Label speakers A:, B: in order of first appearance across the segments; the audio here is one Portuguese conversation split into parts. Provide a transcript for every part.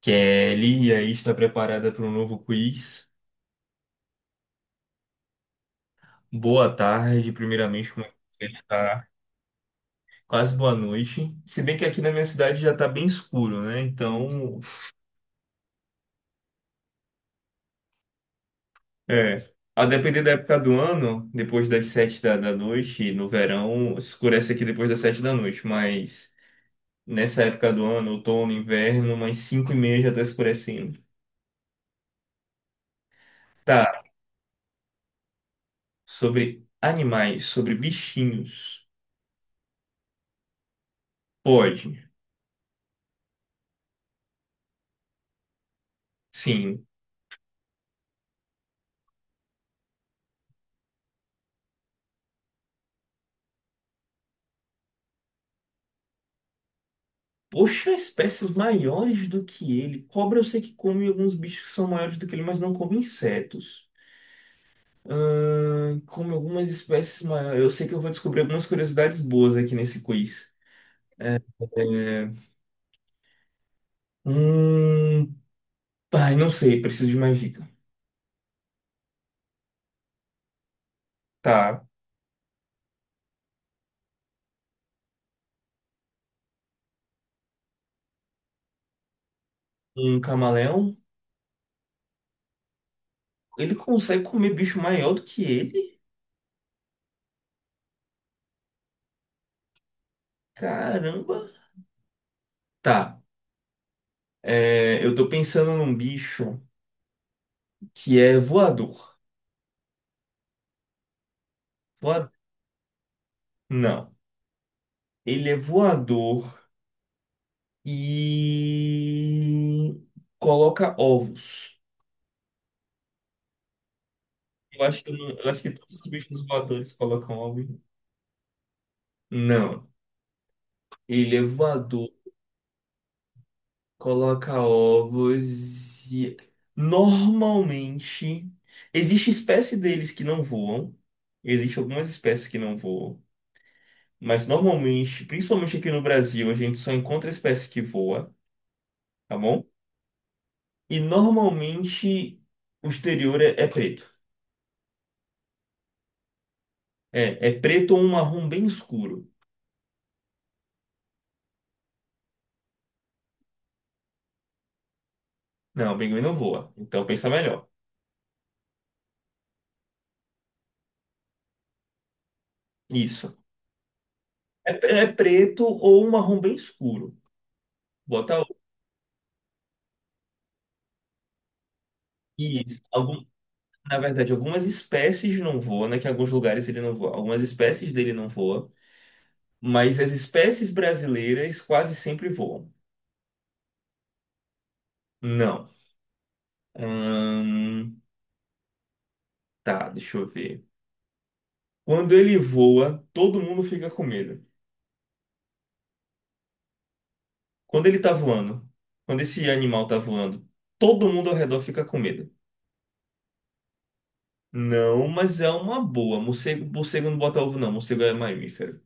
A: Kelly, e aí está preparada para um novo quiz. Boa tarde, primeiramente, como é que você está? Quase boa noite. Se bem que aqui na minha cidade já está bem escuro, né? É, a depender da época do ano, depois das sete da noite, no verão, escurece aqui depois das sete da noite, mas nessa época do ano, outono, inverno, umas cinco e meia já está escurecendo. Tá, sobre animais, sobre bichinhos. Pode. Sim. Poxa, espécies maiores do que ele. Cobra eu sei que come alguns bichos que são maiores do que ele, mas não come insetos. Come algumas espécies maiores. Eu sei que eu vou descobrir algumas curiosidades boas aqui nesse quiz. É... Hum... Ai, não sei, preciso de mais dica. Tá. Um camaleão, ele consegue comer bicho maior do que ele? Caramba. Tá. É, eu tô pensando num bicho que é voador. Voa- Não. Ele é voador. E coloca ovos. Eu acho que, eu acho que todos os bichos voadores colocam ovos. Não. Ele é voador, coloca ovos e normalmente existe espécie deles que não voam. Existem algumas espécies que não voam. Mas normalmente, principalmente aqui no Brasil, a gente só encontra espécie que voa, tá bom? E normalmente o exterior é preto. É, é preto ou um marrom bem escuro. Não, o pinguim não voa. Então pensa melhor. Isso. É, é preto ou um marrom bem escuro. Bota o- isso. Algum, na verdade, algumas espécies não voam, né? Que em alguns lugares ele não voa. Algumas espécies dele não voam. Mas as espécies brasileiras quase sempre voam. Não. Hum, tá, deixa eu ver. Quando ele voa, todo mundo fica com medo. Quando ele tá voando, quando esse animal tá voando, todo mundo ao redor fica com medo. Não, mas é uma boa. Morcego, morcego não bota ovo, não. Morcego é mamífero.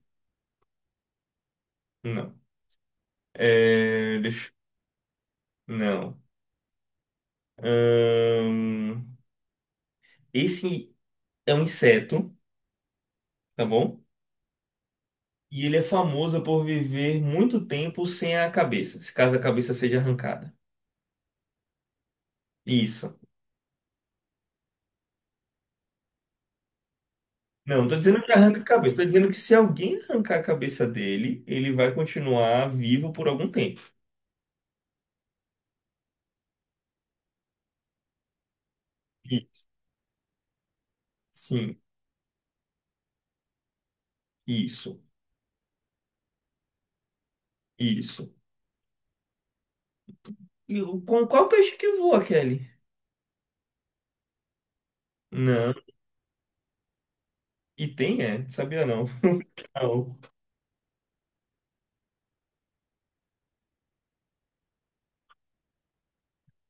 A: Não. É, deixa, não. Ahn, Esse é um inseto, tá bom? E ele é famoso por viver muito tempo sem a cabeça, se caso a cabeça seja arrancada. Isso. Não, não tô dizendo que arranca a cabeça, tô dizendo que se alguém arrancar a cabeça dele, ele vai continuar vivo por algum tempo. E- Sim, isso, isso. Com qual peixe que voa, Kelly? Não. E tem, é? Sabia não. Não.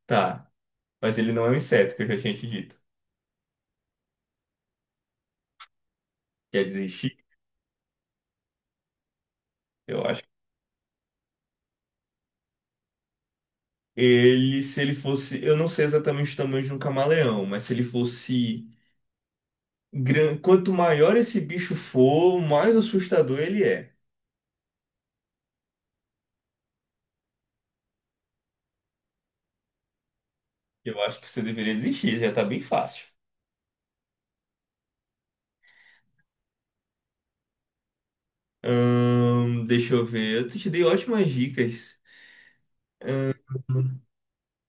A: Tá. Mas ele não é um inseto, que eu já tinha te dito. Quer dizer, chi- eu acho. Ele, se ele fosse. Eu não sei exatamente o tamanho de um camaleão, mas se ele fosse grande. Quanto maior esse bicho for, mais assustador ele é. Eu acho que você deveria desistir, já tá bem fácil. Deixa eu ver. Eu te dei ótimas dicas.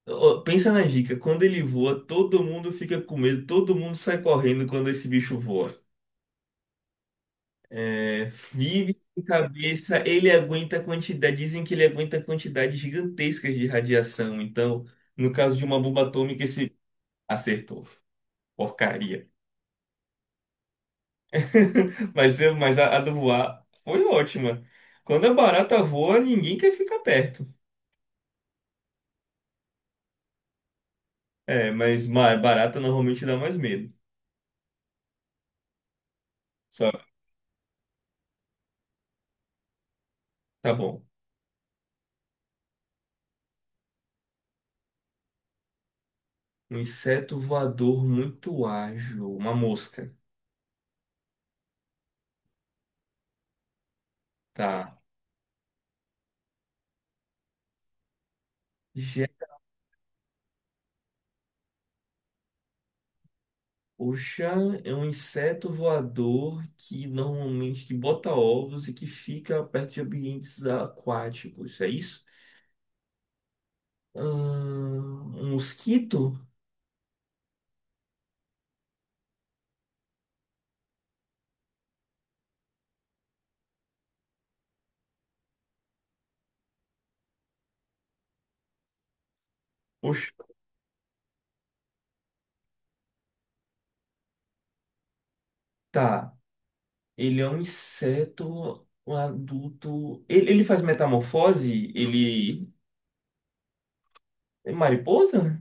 A: Ó, pensa na dica, quando ele voa, todo mundo fica com medo, todo mundo sai correndo quando esse bicho voa. É, vive sem cabeça, ele aguenta a quantidade, dizem que ele aguenta quantidades gigantescas de radiação. Então, no caso de uma bomba atômica, esse acertou. Porcaria. Mas a do voar foi ótima. Quando a barata voa, ninguém quer ficar perto. É, barata normalmente dá mais medo. Só, tá bom. Um inseto voador muito ágil, uma mosca. Tá. O Oxã é um inseto voador que normalmente que bota ovos e que fica perto de ambientes aquáticos, é isso? Um mosquito? Oxa, tá. Ele é um inseto um adulto. Ele faz metamorfose? Ele é mariposa?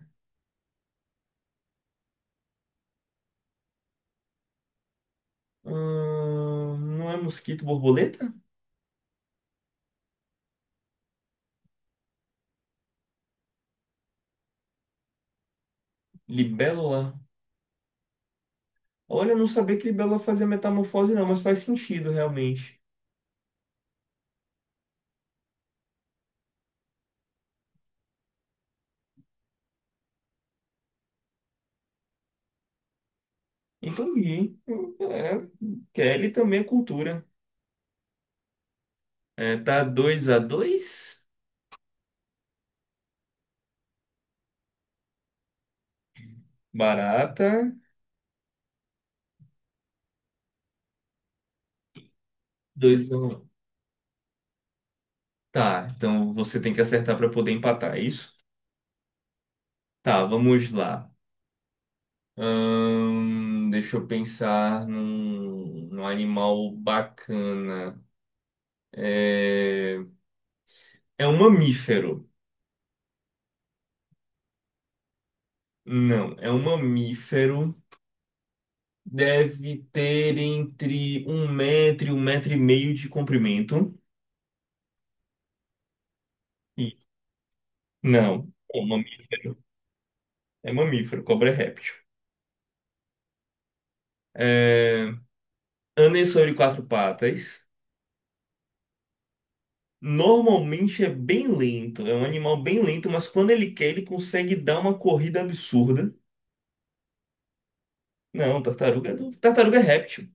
A: Não é mosquito, borboleta? Libélula? Olha, eu não sabia que libélula fazia metamorfose, não, mas faz sentido realmente. Entendi. É, Kelly também é cultura. É, tá 2 a dois. Barata. Dois a um. Tá, então você tem que acertar para poder empatar, é isso? Tá, vamos lá. Deixa eu pensar num animal bacana. É, é um mamífero. Não, é um mamífero. Deve ter entre um metro e meio de comprimento. E- Não. É mamífero, cobra é réptil. É... Anda sobre quatro patas. Normalmente é bem lento, é um animal bem lento, mas quando ele quer, ele consegue dar uma corrida absurda. Não, tartaruga, tartaruga é réptil.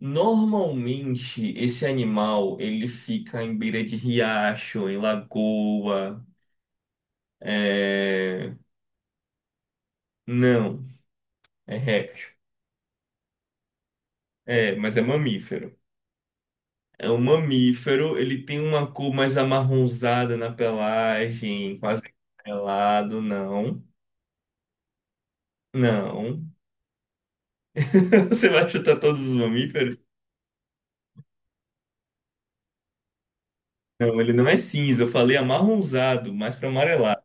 A: Normalmente esse animal ele fica em beira de riacho, em lagoa. É... Não, é réptil. É, mas é mamífero. É um mamífero, ele tem uma cor mais amarronzada na pelagem, quase amarelado, não. Não. Você vai chutar todos os mamíferos? Não, ele não é cinza. Eu falei amarronzado, mais para amarelado.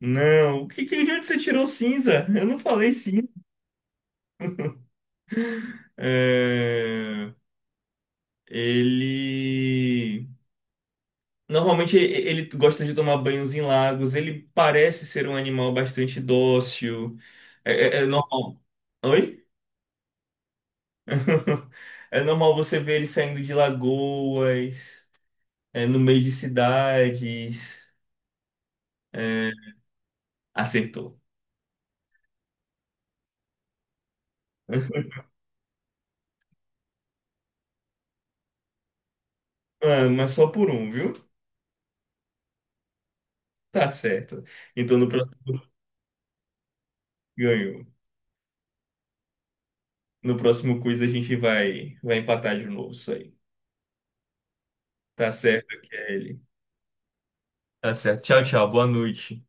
A: Não, o de onde você tirou cinza? Eu não falei cinza. É, Ele. Normalmente ele gosta de tomar banhos em lagos. Ele parece ser um animal bastante dócil. É, é normal. Oi? É normal você ver ele saindo de lagoas, é, no meio de cidades. Acertou. Ah, mas só por um, viu? Tá certo. Então no próximo ganho. No próximo quiz a gente vai empatar de novo isso aí. Tá certo, Kelly. Tá certo. Tchau, tchau. Boa noite.